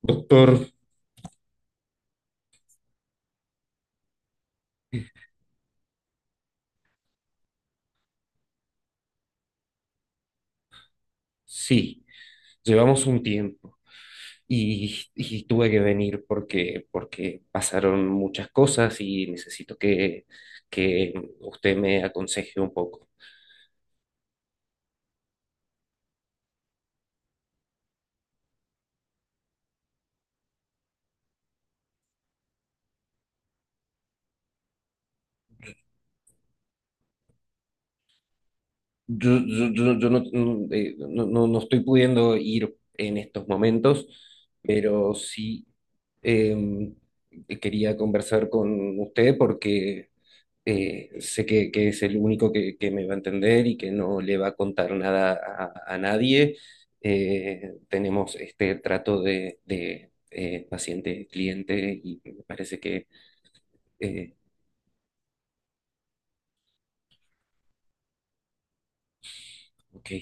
Doctor, sí, llevamos un tiempo y tuve que venir porque pasaron muchas cosas y necesito que usted me aconseje un poco. Yo no, no, no estoy pudiendo ir en estos momentos, pero sí em, quería conversar con usted porque sé que es el único que me va a entender y que no le va a contar nada a, a nadie. Tenemos este trato de, paciente-cliente y me parece que, eh, ok,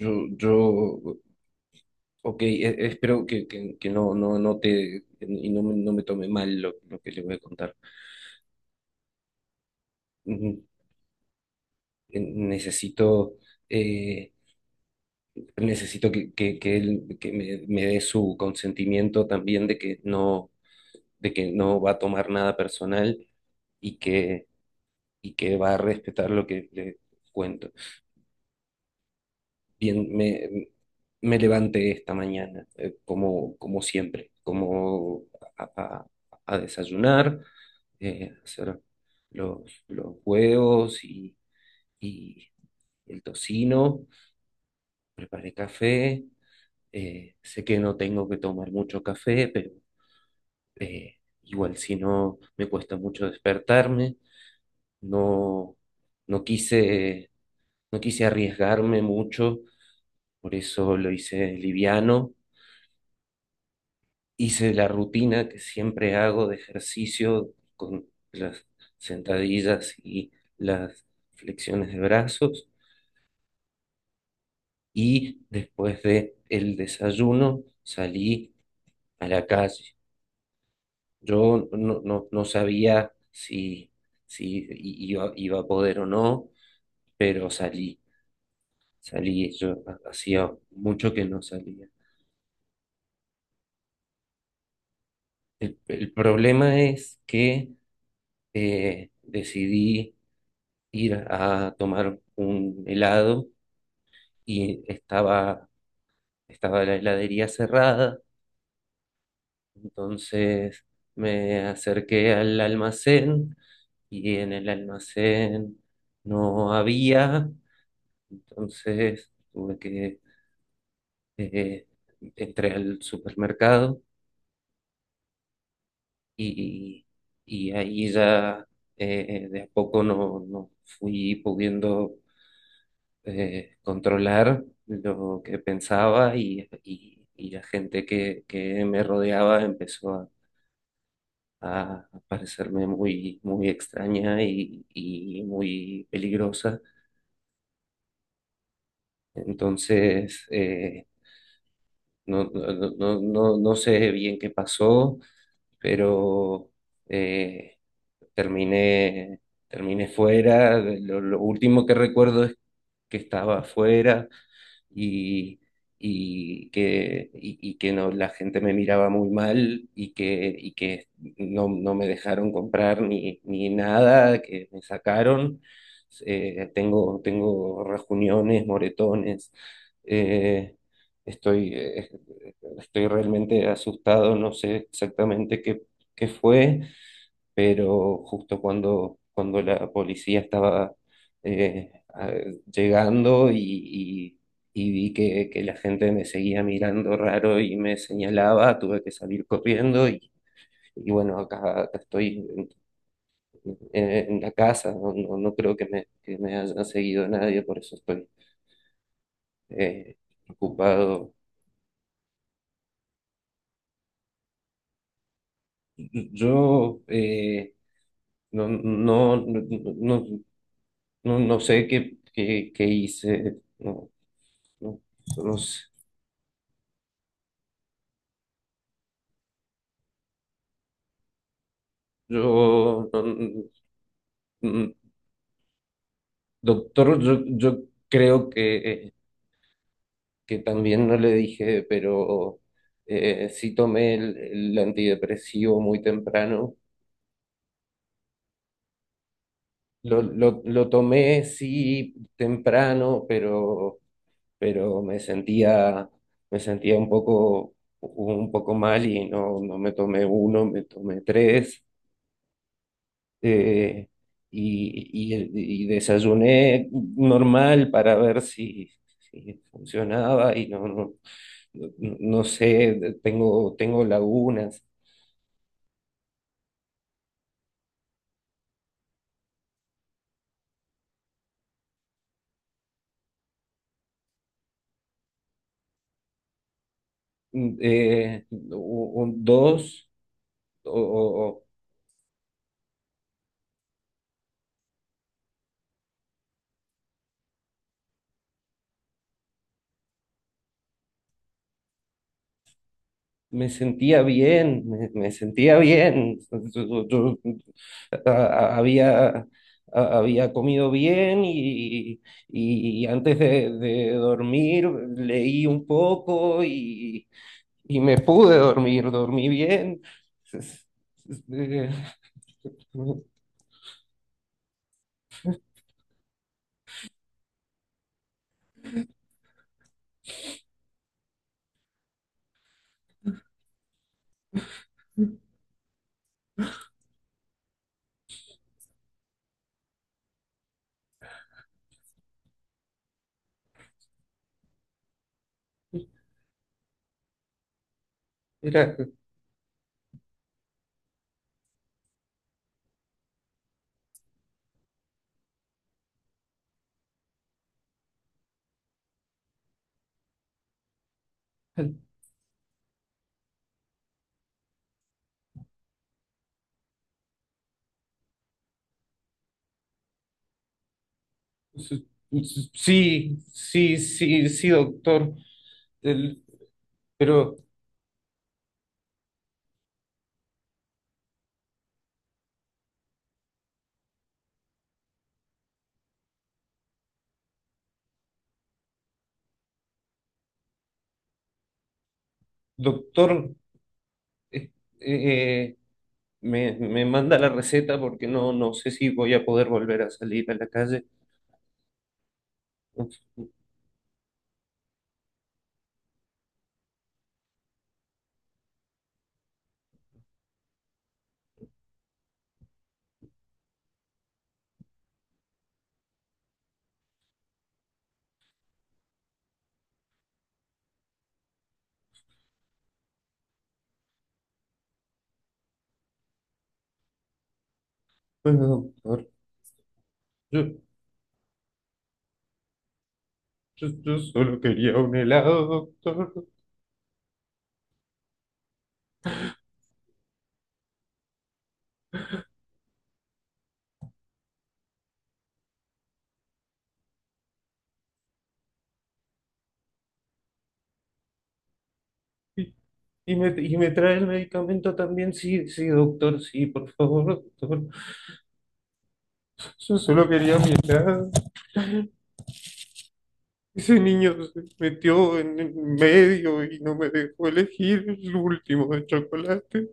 yo, yo, ok, espero que, que no, no, no te, y no, no me tome mal lo que le voy a contar. Mm, Necesito... eh, necesito que él que me dé su consentimiento también de que no va a tomar nada personal y que, y que va a respetar lo que le cuento. Bien, me levanté esta mañana, como, como siempre, como a, a- a desayunar, hacer los huevos y el tocino, el café. Sé que no tengo que tomar mucho café, pero eh, igual si no me cuesta mucho despertarme. No, no quise, no quise arriesgarme mucho, por eso lo hice liviano. Hice la rutina que siempre hago de ejercicio con las sentadillas y las flexiones de brazos. Y después de el desayuno salí a la calle. Yo no, no, no sabía si, si iba, iba a poder o no, pero salí. Salí, yo hacía mucho que no salía. El problema es que decidí ir a tomar un helado y estaba, estaba la heladería cerrada, entonces me acerqué al almacén y en el almacén no había, entonces tuve que, eh, entré al supermercado y, y ahí ya de a poco no, no fui pudiendo controlar lo que pensaba y la gente que me rodeaba empezó a parecerme muy, muy extraña y muy peligrosa. Entonces, no, no, no, no, no sé bien qué pasó, pero eh, terminé, terminé fuera. Lo último que recuerdo es que estaba afuera. y, y que, y que no, la gente me miraba muy mal y que no, no me dejaron comprar ni, ni nada, que me sacaron. Tengo, tengo rejuniones, moretones. Eh, Estoy, estoy realmente asustado, no sé exactamente qué, qué fue pero justo cuando, cuando la policía estaba eh, a- llegando y- y vi que la gente me seguía mirando raro y me señalaba, tuve que salir corriendo y bueno, acá, acá estoy en, en la casa, no, no, no creo que me haya seguido nadie, por eso estoy eh, ocupado. Yo no, no, no, no, no sé qué, qué, qué hice. No No, no sé. Yo, no, no, no, doctor, yo creo que también no le dije, pero sí tomé el antidepresivo muy temprano. Lo tomé sí temprano, pero me sentía un poco mal y no, no me tomé uno, me tomé tres. eh, y, y desayuné normal para ver si, si funcionaba y no, no, no no sé, tengo, tengo lagunas. Dos, o, o- o- me sentía bien, me sentía bien. Yo- yo- Había, había comido bien y antes de dormir leí un poco y me pude dormir, dormí bien. Eh, Era, sí, sí, sí, sí, doctor. El- pero, doctor, eh, eh, me, me manda la receta porque no, no sé si voy a poder volver a salir a la calle. Bueno, doctor, yo, yo solo quería un helado, doctor. Y, y me, y me trae el medicamento también, sí, sí, doctor, sí, por favor, doctor. Yo solo quería mirar. Ese niño se metió en el medio y no me dejó elegir el último de chocolate,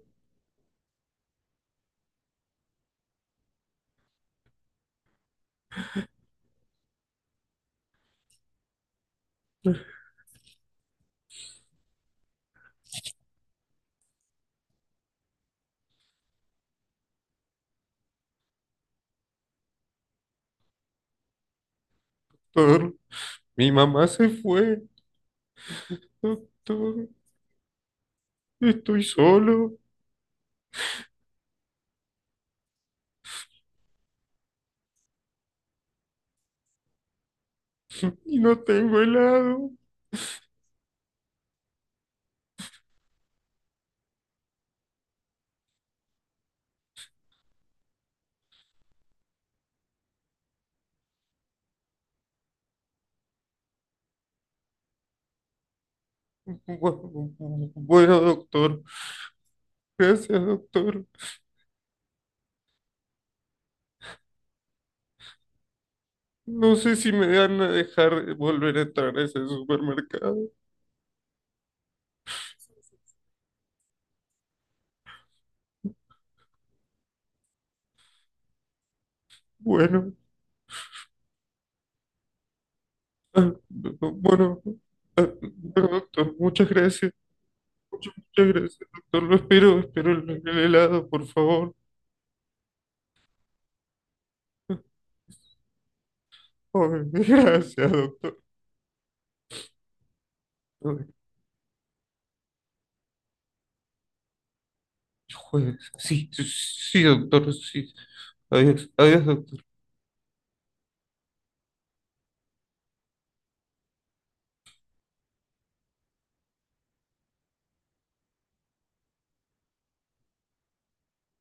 doctor. Mi mamá se fue, doctor. Estoy solo y no tengo helado. Bueno, doctor. Gracias, doctor. No sé si me van a dejar volver a entrar a ese supermercado. Bueno, ah, bueno, bueno, doctor, muchas gracias. Muchas, muchas gracias, doctor. Lo espero, espero el helado, por favor. Ay, gracias, doctor. Ay, jueves. Sí, sí, sí, doctor, sí. Adiós, adiós, doctor.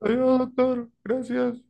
Adiós, doctor. Gracias.